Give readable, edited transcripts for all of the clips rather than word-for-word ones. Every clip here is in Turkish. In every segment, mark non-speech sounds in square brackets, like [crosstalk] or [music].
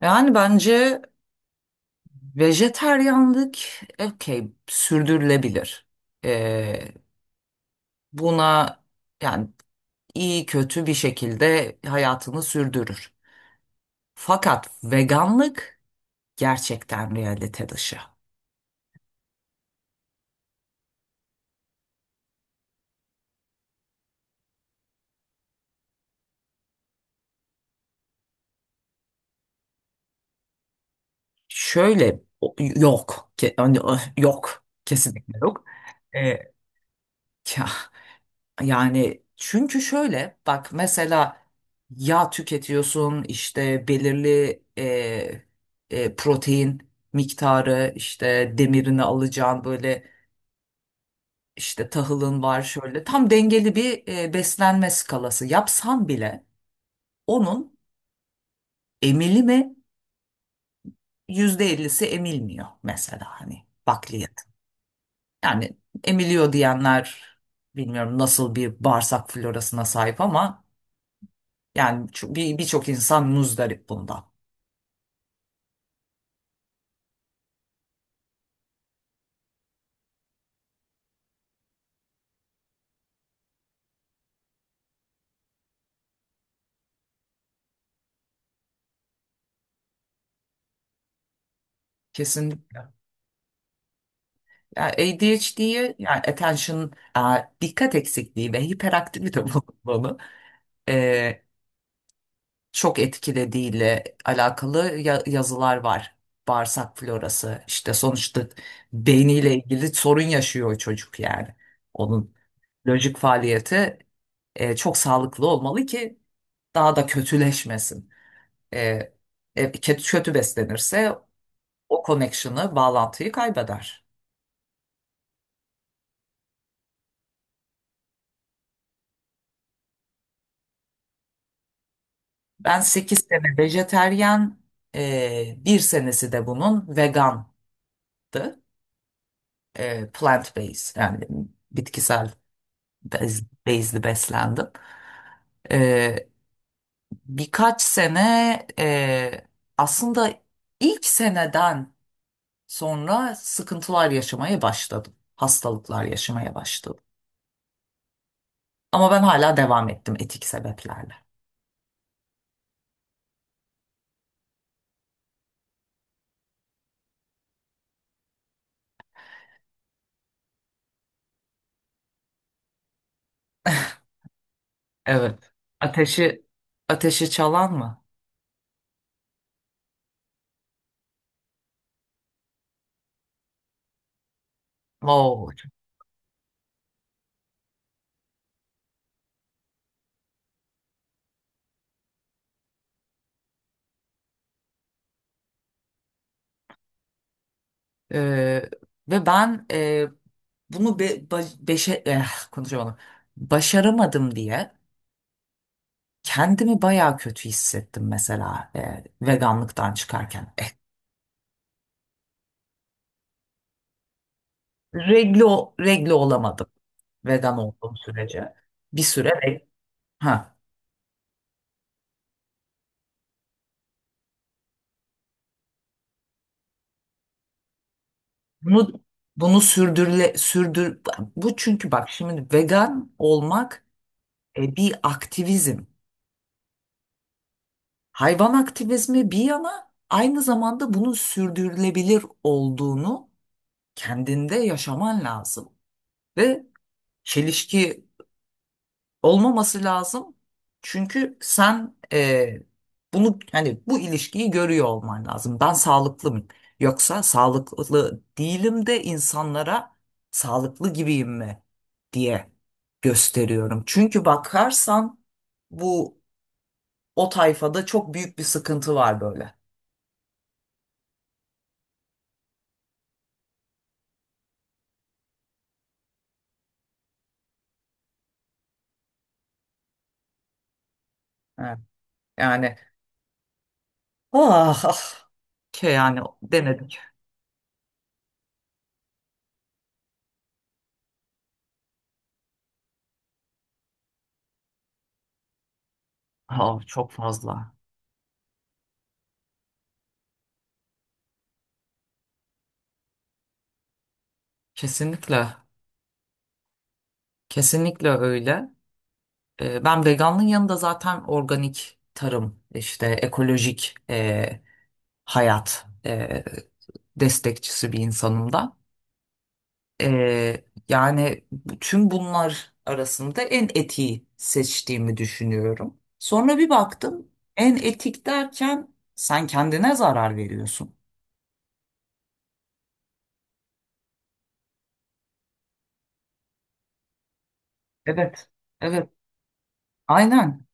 Yani bence vejeteryanlık okey sürdürülebilir. Ee, Buna yani iyi kötü bir şekilde hayatını sürdürür. Fakat veganlık gerçekten realite dışı. Şöyle yok. Hani, yok. Kesinlikle yok. Ee, ya, Yani çünkü şöyle bak mesela yağ tüketiyorsun işte belirli protein miktarı işte demirini alacağın böyle işte tahılın var şöyle tam dengeli bir beslenme skalası yapsan bile onun emili mi, yüzde ellisi emilmiyor mesela, hani bakliyat. Yani emiliyor diyenler bilmiyorum nasıl bir bağırsak florasına sahip, ama yani birçok insan muzdarip bundan. Kesin, yani ADHD'ye, yani attention, e, dikkat eksikliği ve hiperaktivite, [laughs] bunu e, çok etkilediğiyle alakalı yazılar var. Bağırsak florası işte, sonuçta beyniyle ilgili sorun yaşıyor çocuk yani. Onun lojik faaliyeti çok sağlıklı olmalı ki daha da kötüleşmesin. E, kötü beslenirse o connection'ı, bağlantıyı kaybeder. Ben 8 sene vejeteryan, bir senesi de bunun vegandı. Plant based, yani bitkisel, bezli beslendim. E, Birkaç sene e, aslında ilk seneden sonra sıkıntılar yaşamaya başladım. Hastalıklar yaşamaya başladım. Ama ben hala devam ettim etik sebeplerle. [laughs] Evet. Ateşi, ateşi çalan mı? Wow. Ee, Ve ben bunu be, ba- beşe, eh, konuşamadım. Başaramadım diye kendimi bayağı kötü hissettim mesela, veganlıktan çıkarken. Reglo olamadım vegan olduğum sürece. Bir süre reg- ha, bunu bunu sürdür, bu çünkü bak şimdi vegan olmak bir aktivizm. Hayvan aktivizmi bir yana, aynı zamanda bunun sürdürülebilir olduğunu kendinde yaşaman lazım ve çelişki olmaması lazım. Çünkü sen bunu, hani bu ilişkiyi görüyor olman lazım. Ben sağlıklı mıyım? Yoksa sağlıklı değilim de insanlara sağlıklı gibiyim mi diye gösteriyorum. Çünkü bakarsan bu, o tayfada çok büyük bir sıkıntı var böyle. Evet. Yani ah, [laughs] ah, şey, yani denedik. Ah, çok fazla. Kesinlikle. Kesinlikle öyle. Ben veganlığın yanında zaten organik tarım, işte ekolojik hayat destekçisi bir insanım da. Ee, Yani tüm bunlar arasında en etiği seçtiğimi düşünüyorum. Sonra bir baktım, en etik derken sen kendine zarar veriyorsun. Evet, evet, aynen.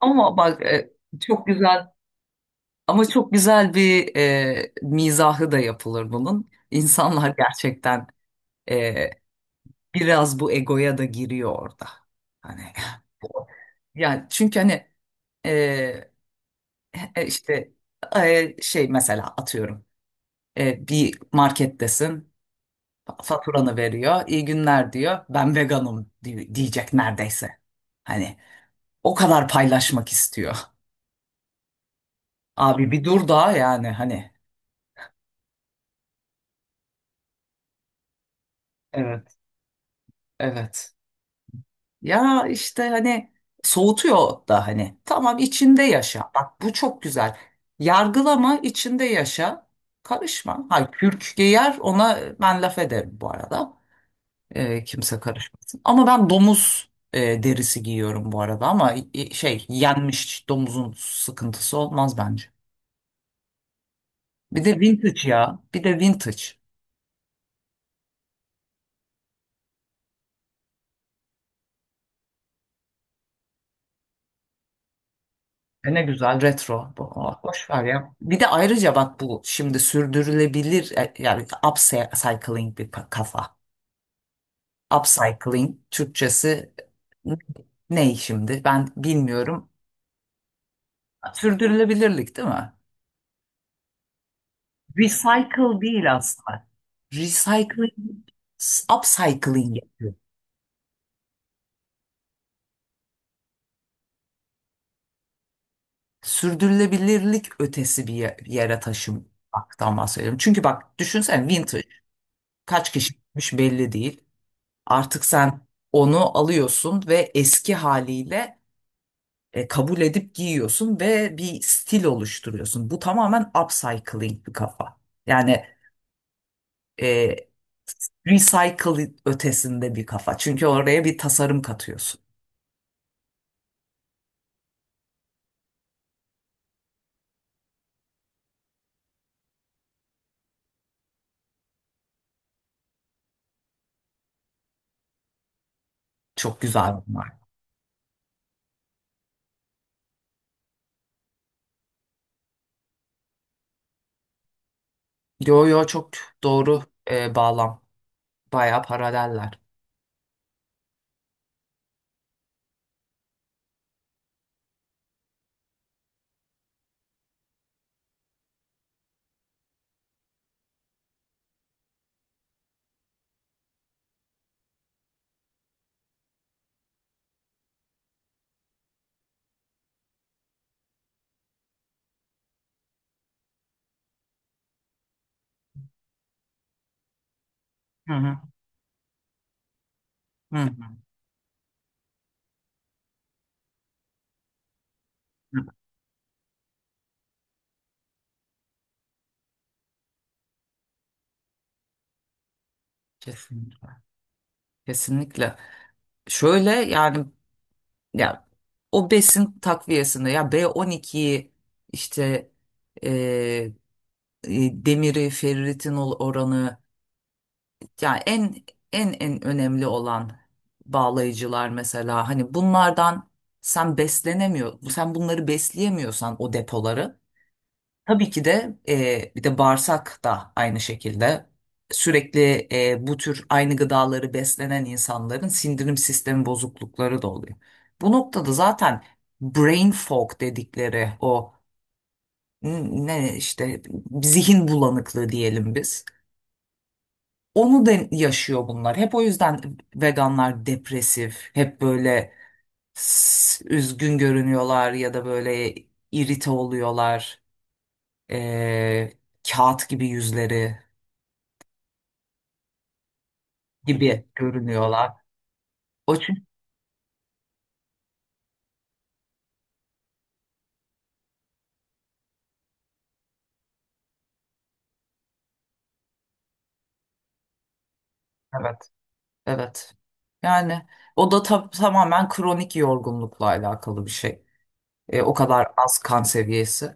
Ama bak çok güzel. Ama çok güzel bir mizahı da yapılır bunun. İnsanlar gerçekten e, biraz bu egoya da giriyor orada. Hani [laughs] yani çünkü hani e, işte şey, mesela atıyorum bir markettesin, faturanı veriyor, iyi günler diyor, ben veganım diyecek neredeyse. Hani o kadar paylaşmak istiyor. Abi bir dur da, yani hani. Evet. Evet. Ya işte hani soğutuyor da. Hani tamam, içinde yaşa. Bak bu çok güzel. Yargılama, içinde yaşa. Karışma. Ha, kürk giyer, ona ben laf ederim bu arada. Kimse karışmasın. Ama ben domuz derisi giyiyorum bu arada, ama şey, yenmiş domuzun sıkıntısı olmaz bence. Bir de vintage ya. Bir de vintage. E ne güzel retro. Aa, boş ver ya. Bir de ayrıca bak, bu şimdi sürdürülebilir yani upcycling bir kafa. Upcycling Türkçesi ne şimdi? Ben bilmiyorum. Sürdürülebilirlik değil mi? Recycle değil aslında. Recycling, upcycling yapıyor. Sürdürülebilirlik ötesi bir yere taşımaktan bahsediyorum. Çünkü bak düşünsene, vintage kaç kişi gitmiş belli değil. Artık sen onu alıyorsun ve eski haliyle kabul edip giyiyorsun ve bir stil oluşturuyorsun. Bu tamamen upcycling bir kafa. Yani e, recycle ötesinde bir kafa. Çünkü oraya bir tasarım katıyorsun. Çok güzel bunlar. Yo yo, çok doğru bağlam. Bayağı paraleller. Hı hı. Hı hı. Kesinlikle. Kesinlikle. Şöyle yani, ya o besin takviyesinde, ya B12'yi işte e, demiri, ferritin oranı, yani en en önemli olan bağlayıcılar mesela, hani bunlardan sen beslenemiyor, sen bunları besleyemiyorsan o depoları. Tabii ki de bir de bağırsak da aynı şekilde, sürekli bu tür aynı gıdaları beslenen insanların sindirim sistemi bozuklukları da oluyor. Bu noktada zaten brain fog dedikleri, o n- ne işte zihin bulanıklığı diyelim biz. Onu da yaşıyor bunlar. Hep o yüzden veganlar depresif, hep böyle üzgün görünüyorlar, ya da böyle irite oluyorlar. E, Kağıt gibi yüzleri. Gibi görünüyorlar. O çünkü evet, evet. Yani o da tamamen kronik yorgunlukla alakalı bir şey. O kadar az kan seviyesi.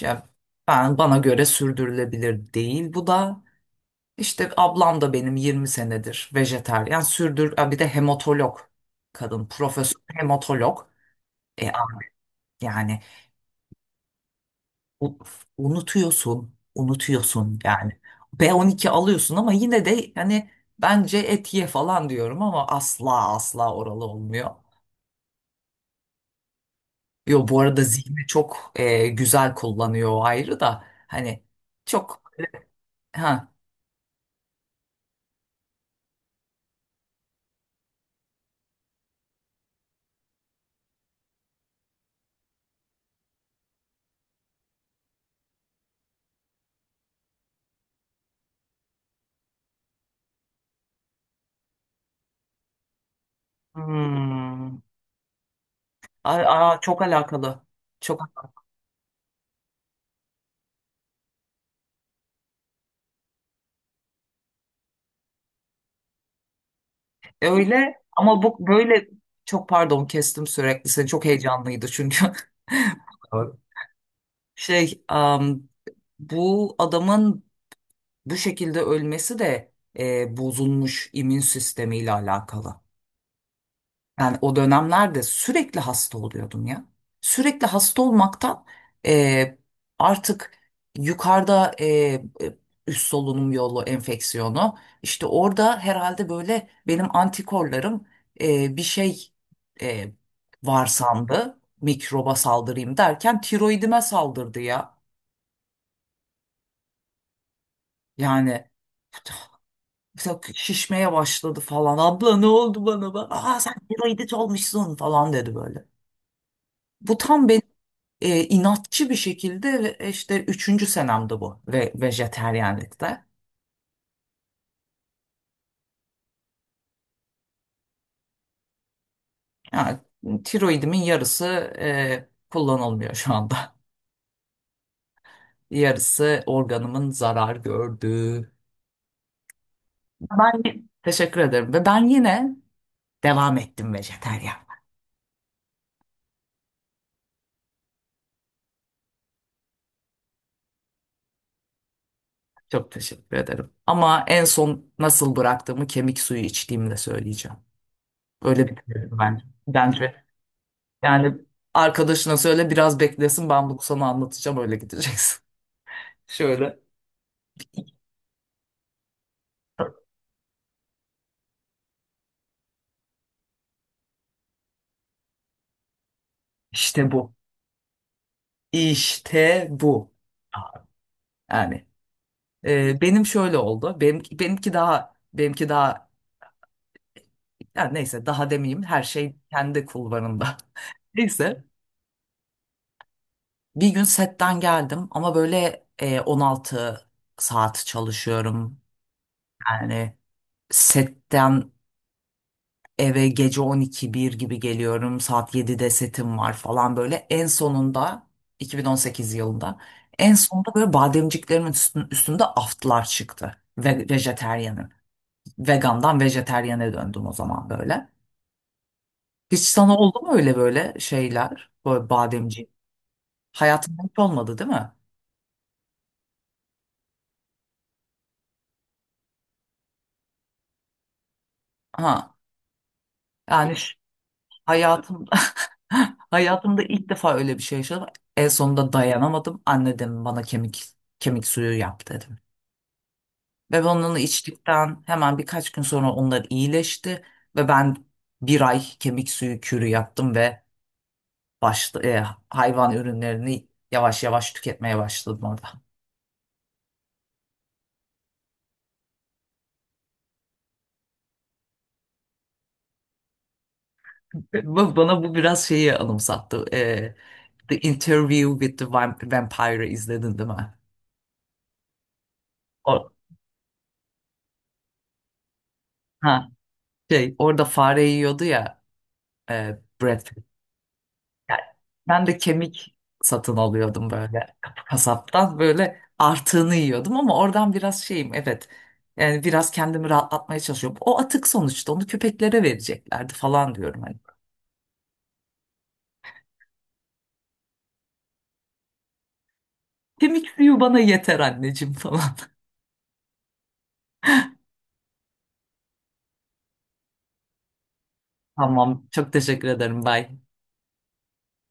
Yani ben, bana göre sürdürülebilir değil. Bu da işte, ablam da benim 20 senedir vejetaryen sürdür. Ha, bir de hematolog kadın, profesör hematolog. E, Yani U- unutuyorsun yani. B12 alıyorsun ama yine de hani, bence et ye falan diyorum ama asla asla oralı olmuyor. Yo, bu arada zihni çok güzel kullanıyor, o ayrı da hani çok. Ha, hmm. Aa, aa, çok alakalı. Çok öyle. Ama bu böyle, çok pardon kestim sürekli seni, çok heyecanlıydı çünkü. [laughs] Şey, bu adamın bu şekilde ölmesi de bozulmuş immün sistemiyle alakalı. Yani o dönemlerde sürekli hasta oluyordum ya. Sürekli hasta olmaktan e, artık yukarıda üst solunum yolu enfeksiyonu işte, orada herhalde böyle benim antikorlarım bir şey e, var sandı. Mikroba saldırayım derken tiroidime saldırdı ya. Yani mesela şişmeye başladı falan. Abla ne oldu bana? Aa sen tiroidit olmuşsun falan dedi böyle. Bu tam benim inatçı bir şekilde ve işte üçüncü senemde bu, ve vejeteryanlıkta. Yani, tiroidimin yarısı kullanılmıyor şu anda. [laughs] Yarısı organımın zarar gördüğü. Ben teşekkür ederim ve ben yine devam ettim vejeteryan. Çok teşekkür ederim. Ama en son nasıl bıraktığımı kemik suyu içtiğimde söyleyeceğim. Öyle bitirir bence. Bence. Yani arkadaşına söyle biraz beklesin, ben bunu sana anlatacağım öyle gideceksin. [laughs] Şöyle. İşte bu. İşte bu. Yani benim şöyle oldu. Benimki daha, yani neyse, daha demeyeyim, her şey kendi kulvarında. [laughs] Neyse, bir gün setten geldim ama böyle, 16 saat çalışıyorum. Yani setten eve gece 12 bir gibi geliyorum. Saat 7'de setim var falan böyle. En sonunda 2018 yılında, en sonunda böyle bademciklerimin üstünde aftlar çıktı. Ve vejeteryanım. Vegandan vejetaryene döndüm o zaman böyle. Hiç sana oldu mu öyle böyle şeyler? Böyle bademci. Hayatında hiç olmadı değil mi? Ha, yani ş- hayatımda [laughs] hayatımda ilk defa öyle bir şey yaşadım. En sonunda dayanamadım. Anne dedim, bana kemik suyu yap dedi. Ve ben onu içtikten hemen birkaç gün sonra onlar iyileşti ve ben bir ay kemik suyu kürü yaptım ve başla, e, hayvan ürünlerini yavaş yavaş tüketmeye başladım orada. Bana bu biraz şeyi anımsattı. The Interview with the Vampire izledin değil mi? O, ha, şey, orada fare yiyordu ya, Brad. Yani ben de kemik satın alıyordum böyle, kasaptan böyle artığını yiyordum ama oradan biraz şeyim, evet yani biraz kendimi rahatlatmaya çalışıyorum. O atık sonuçta, onu köpeklere vereceklerdi falan diyorum hani. Kemik suyu bana yeter anneciğim falan. [laughs] Tamam çok teşekkür ederim, bye.